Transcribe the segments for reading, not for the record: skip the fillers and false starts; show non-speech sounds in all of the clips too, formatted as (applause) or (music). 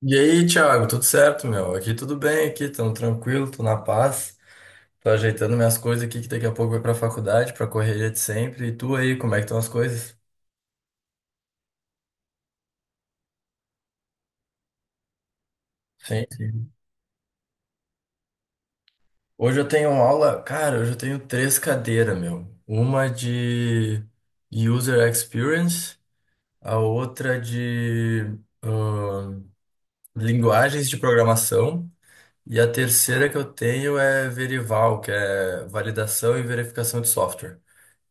E aí, Thiago, tudo certo, meu? Aqui tudo bem, aqui, tamo tranquilo, tô na paz. Tô ajeitando minhas coisas aqui, que daqui a pouco vai pra faculdade, pra correria de sempre. E tu aí, como é que estão as coisas? Sim, sim. Hoje eu tenho aula, cara, hoje eu tenho três cadeiras, meu. Uma de User Experience, a outra de ahn, linguagens de programação. E a terceira que eu tenho é Verival, que é validação e verificação de software.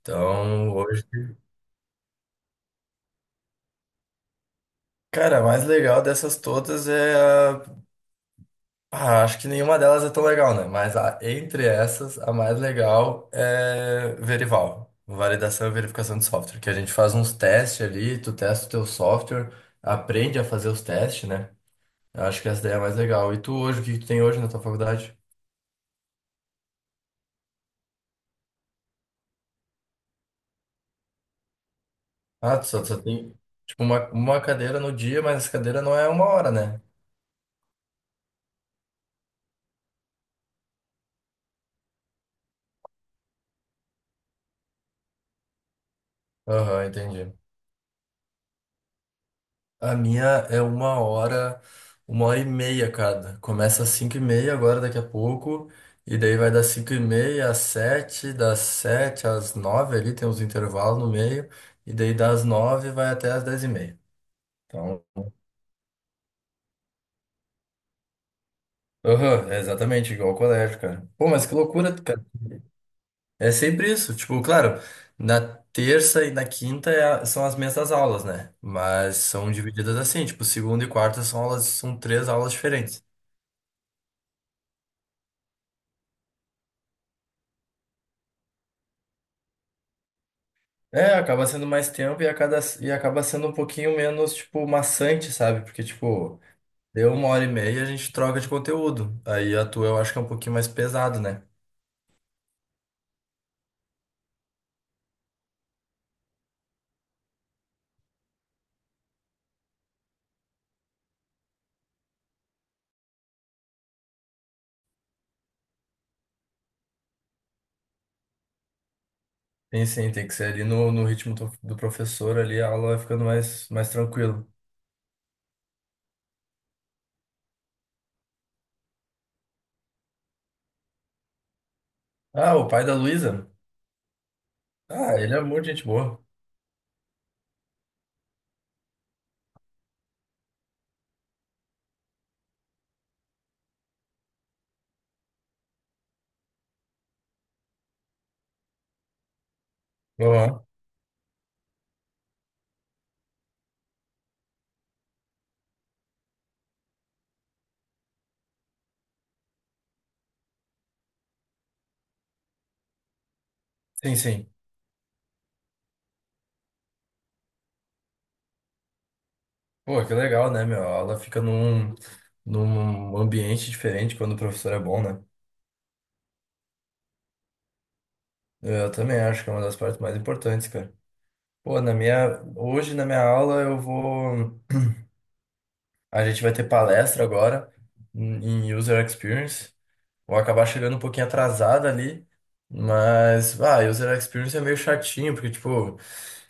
Então, hoje. Cara, a mais legal dessas todas é a... Ah, acho que nenhuma delas é tão legal, né? Mas entre essas, a mais legal é Verival, validação e verificação de software, que a gente faz uns testes ali, tu testa o teu software, aprende a fazer os testes, né? Eu acho que essa daí é a mais legal. E tu hoje, o que que tu tem hoje na tua faculdade? Ah, tu só tem, tipo, uma cadeira no dia, mas essa cadeira não é uma hora, né? Aham, entendi. A minha é uma hora e meia, cada. Começa às cinco e meia agora, daqui a pouco. E daí vai das cinco e meia às sete, das sete às nove ali, tem uns intervalos no meio. E daí das nove vai até às dez e meia. Então, aham, é exatamente igual ao colégio, cara. Pô, mas que loucura, cara. É sempre isso. Tipo, claro, na terça e na quinta é são as mesmas aulas, né? Mas são divididas assim, tipo, segunda e quarta são aulas, são três aulas diferentes. É, acaba sendo mais tempo e acaba sendo um pouquinho menos, tipo, maçante, sabe? Porque, tipo, deu uma hora e meia e a gente troca de conteúdo. Aí a tua eu acho que é um pouquinho mais pesado, né? Tem sim, tem que ser ali no ritmo do professor ali, a aula vai ficando mais tranquilo. Ah, o pai da Luísa? Ah, ele é muito gente boa. Aham. Sim, sim. Pô, que legal, né, meu? A aula fica num, num ambiente diferente quando o professor é bom, né? Eu também acho que é uma das partes mais importantes, cara. Pô, na minha, hoje na minha aula eu vou, a gente vai ter palestra agora em User Experience. Vou acabar chegando um pouquinho atrasado ali, mas, ah, User Experience é meio chatinho, porque, tipo,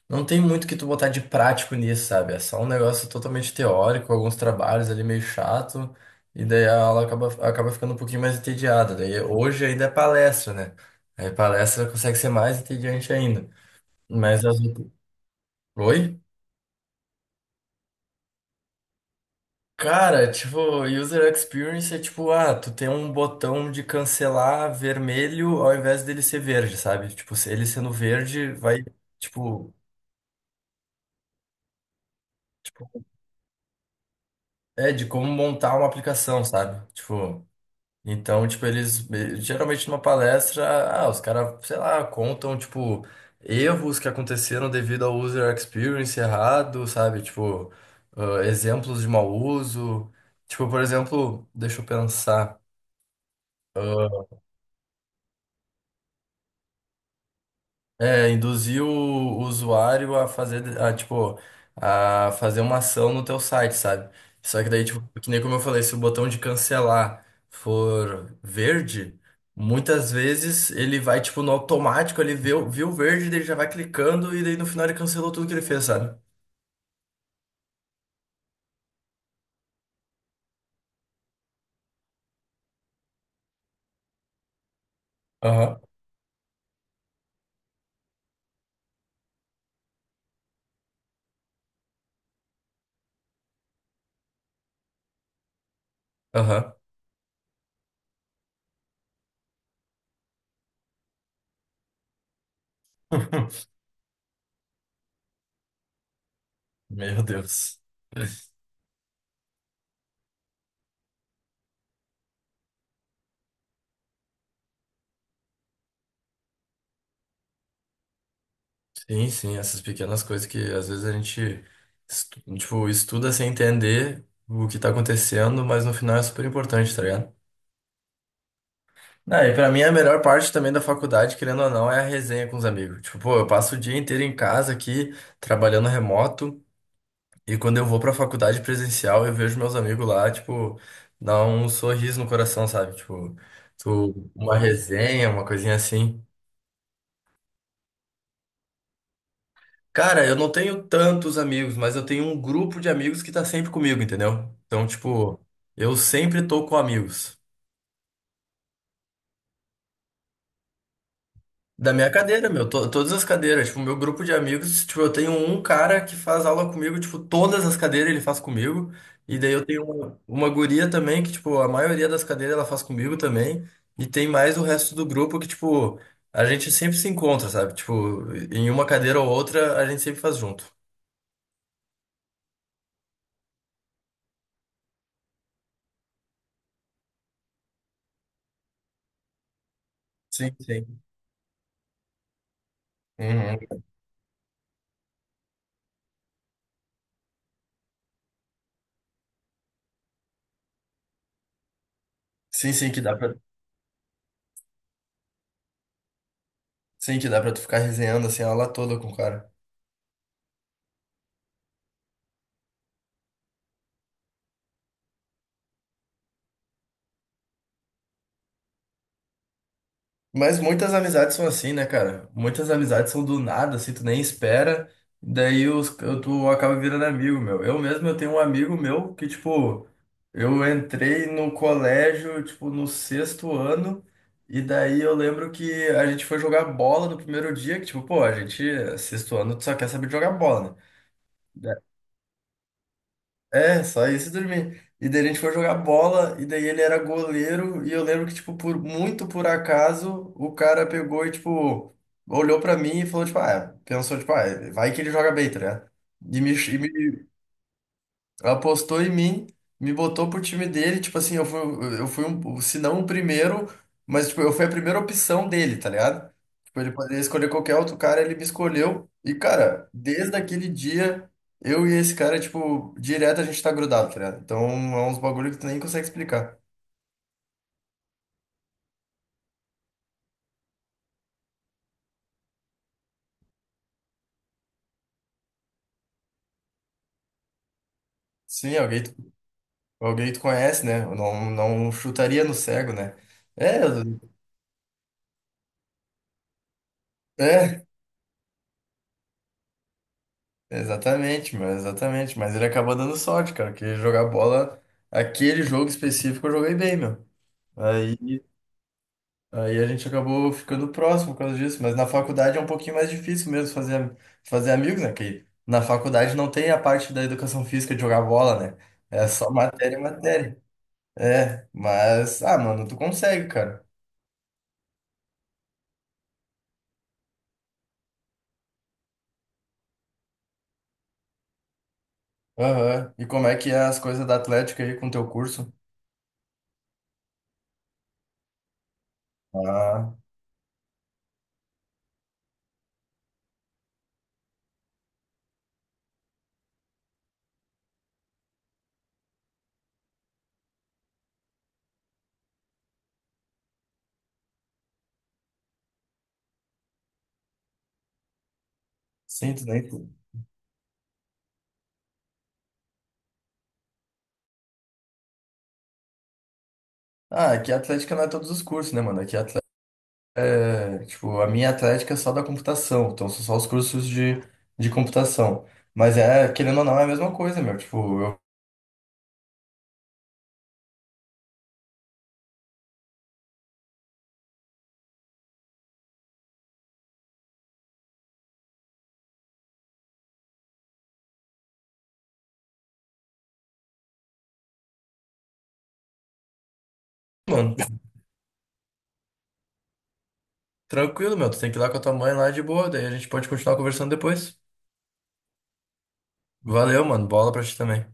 não tem muito que tu botar de prático nisso, sabe? É só um negócio totalmente teórico, alguns trabalhos ali meio chato, e daí a aula acaba ficando um pouquinho mais entediada. Daí hoje ainda é palestra, né? Aí palestra consegue ser mais entediante ainda. Mas as... Oi? Cara, tipo, user experience é tipo, ah, tu tem um botão de cancelar vermelho ao invés dele ser verde, sabe? Tipo, se ele sendo verde vai, tipo, é de como montar uma aplicação, sabe? Tipo, então, tipo, eles geralmente numa palestra, ah, os caras, sei lá, contam, tipo, erros que aconteceram devido ao user experience errado, sabe? Tipo, ah, exemplos de mau uso. Tipo, por exemplo, deixa eu pensar. Ah, é, induzir o usuário a fazer, a, tipo, a fazer uma ação no teu site, sabe? Só que daí, tipo, que nem como eu falei, se o botão de cancelar for verde, muitas vezes ele vai, tipo, no automático, ele vê, o- viu o verde, daí ele já vai clicando e daí no final ele cancelou tudo que ele fez, sabe? Aham, aham. (laughs) Meu Deus. Sim, sim, essas pequenas coisas que às vezes a gente tipo, estuda sem entender o que tá acontecendo, mas no final é super importante, tá ligado? Ah, e pra mim a melhor parte também da faculdade, querendo ou não, é a resenha com os amigos. Tipo, pô, eu passo o dia inteiro em casa aqui, trabalhando remoto, e quando eu vou pra faculdade presencial, eu vejo meus amigos lá, tipo, dá um sorriso no coração, sabe? Tipo, tu, uma resenha, uma coisinha assim. Cara, eu não tenho tantos amigos, mas eu tenho um grupo de amigos que tá sempre comigo, entendeu? Então, tipo, eu sempre tô com amigos. Da minha cadeira, meu, todas as cadeiras. Tipo, meu grupo de amigos, tipo, eu tenho um cara que faz aula comigo, tipo, todas as cadeiras ele faz comigo. E daí eu tenho uma guria também, que, tipo, a maioria das cadeiras ela faz comigo também. E tem mais o resto do grupo que, tipo, a gente sempre se encontra, sabe? Tipo, em uma cadeira ou outra, a gente sempre faz junto. Sim, sim. Uhum. Sim, sim, que dá pra. Sim, que dá pra tu ficar resenhando assim a aula toda com o cara. Mas muitas amizades são assim, né, cara? Muitas amizades são do nada, assim, tu nem espera, daí os, tu acaba virando amigo, meu. Eu mesmo, eu tenho um amigo meu que, tipo, eu entrei no colégio, tipo, no sexto ano, e daí eu lembro que a gente foi jogar bola no primeiro dia, que, tipo, pô, a gente, sexto ano, tu só quer saber de jogar bola, né? É, só isso e dormir. E daí a gente foi jogar bola, e daí ele era goleiro, e eu lembro que, tipo, por muito por acaso, o cara pegou e, tipo, olhou pra mim e falou, tipo, ah, pensou, tipo, ah, vai que ele joga bem, tá ligado? E me apostou em mim, me botou pro time dele, tipo assim, eu fui um, se não o primeiro, mas tipo, eu fui a primeira opção dele, tá ligado? Tipo, ele poderia escolher qualquer outro cara, ele me escolheu. E, cara, desde aquele dia, eu e esse cara, tipo, direto a gente tá grudado, tá ligado? Então é uns bagulho que tu nem consegue explicar. Sim, alguém, alguém tu conhece, né? Eu não, não chutaria no cego, né? É, é. Exatamente, mano, exatamente. Mas ele acabou dando sorte, cara, que jogar bola, aquele jogo específico eu joguei bem, meu. Aí, aí, a gente acabou ficando próximo por causa disso. Mas na faculdade é um pouquinho mais difícil mesmo fazer amigos, né? Que na faculdade não tem a parte da educação física de jogar bola, né? É só matéria, e matéria. É, mas, ah, mano, tu consegue, cara. Aham. E como é que é as coisas da Atlética aí com o teu curso? Ah, sim, tu nem. Ah, aqui a Atlética não é todos os cursos, né, mano? Aqui a. É, tipo, a minha atlética é só da computação, então são só os cursos de computação. Mas é, querendo ou não, é a mesma coisa, meu. Tipo, eu. Mano, tranquilo, meu. Tu tem que ir lá com a tua mãe lá de boa, daí a gente pode continuar conversando depois. Valeu, mano. Bola pra ti também.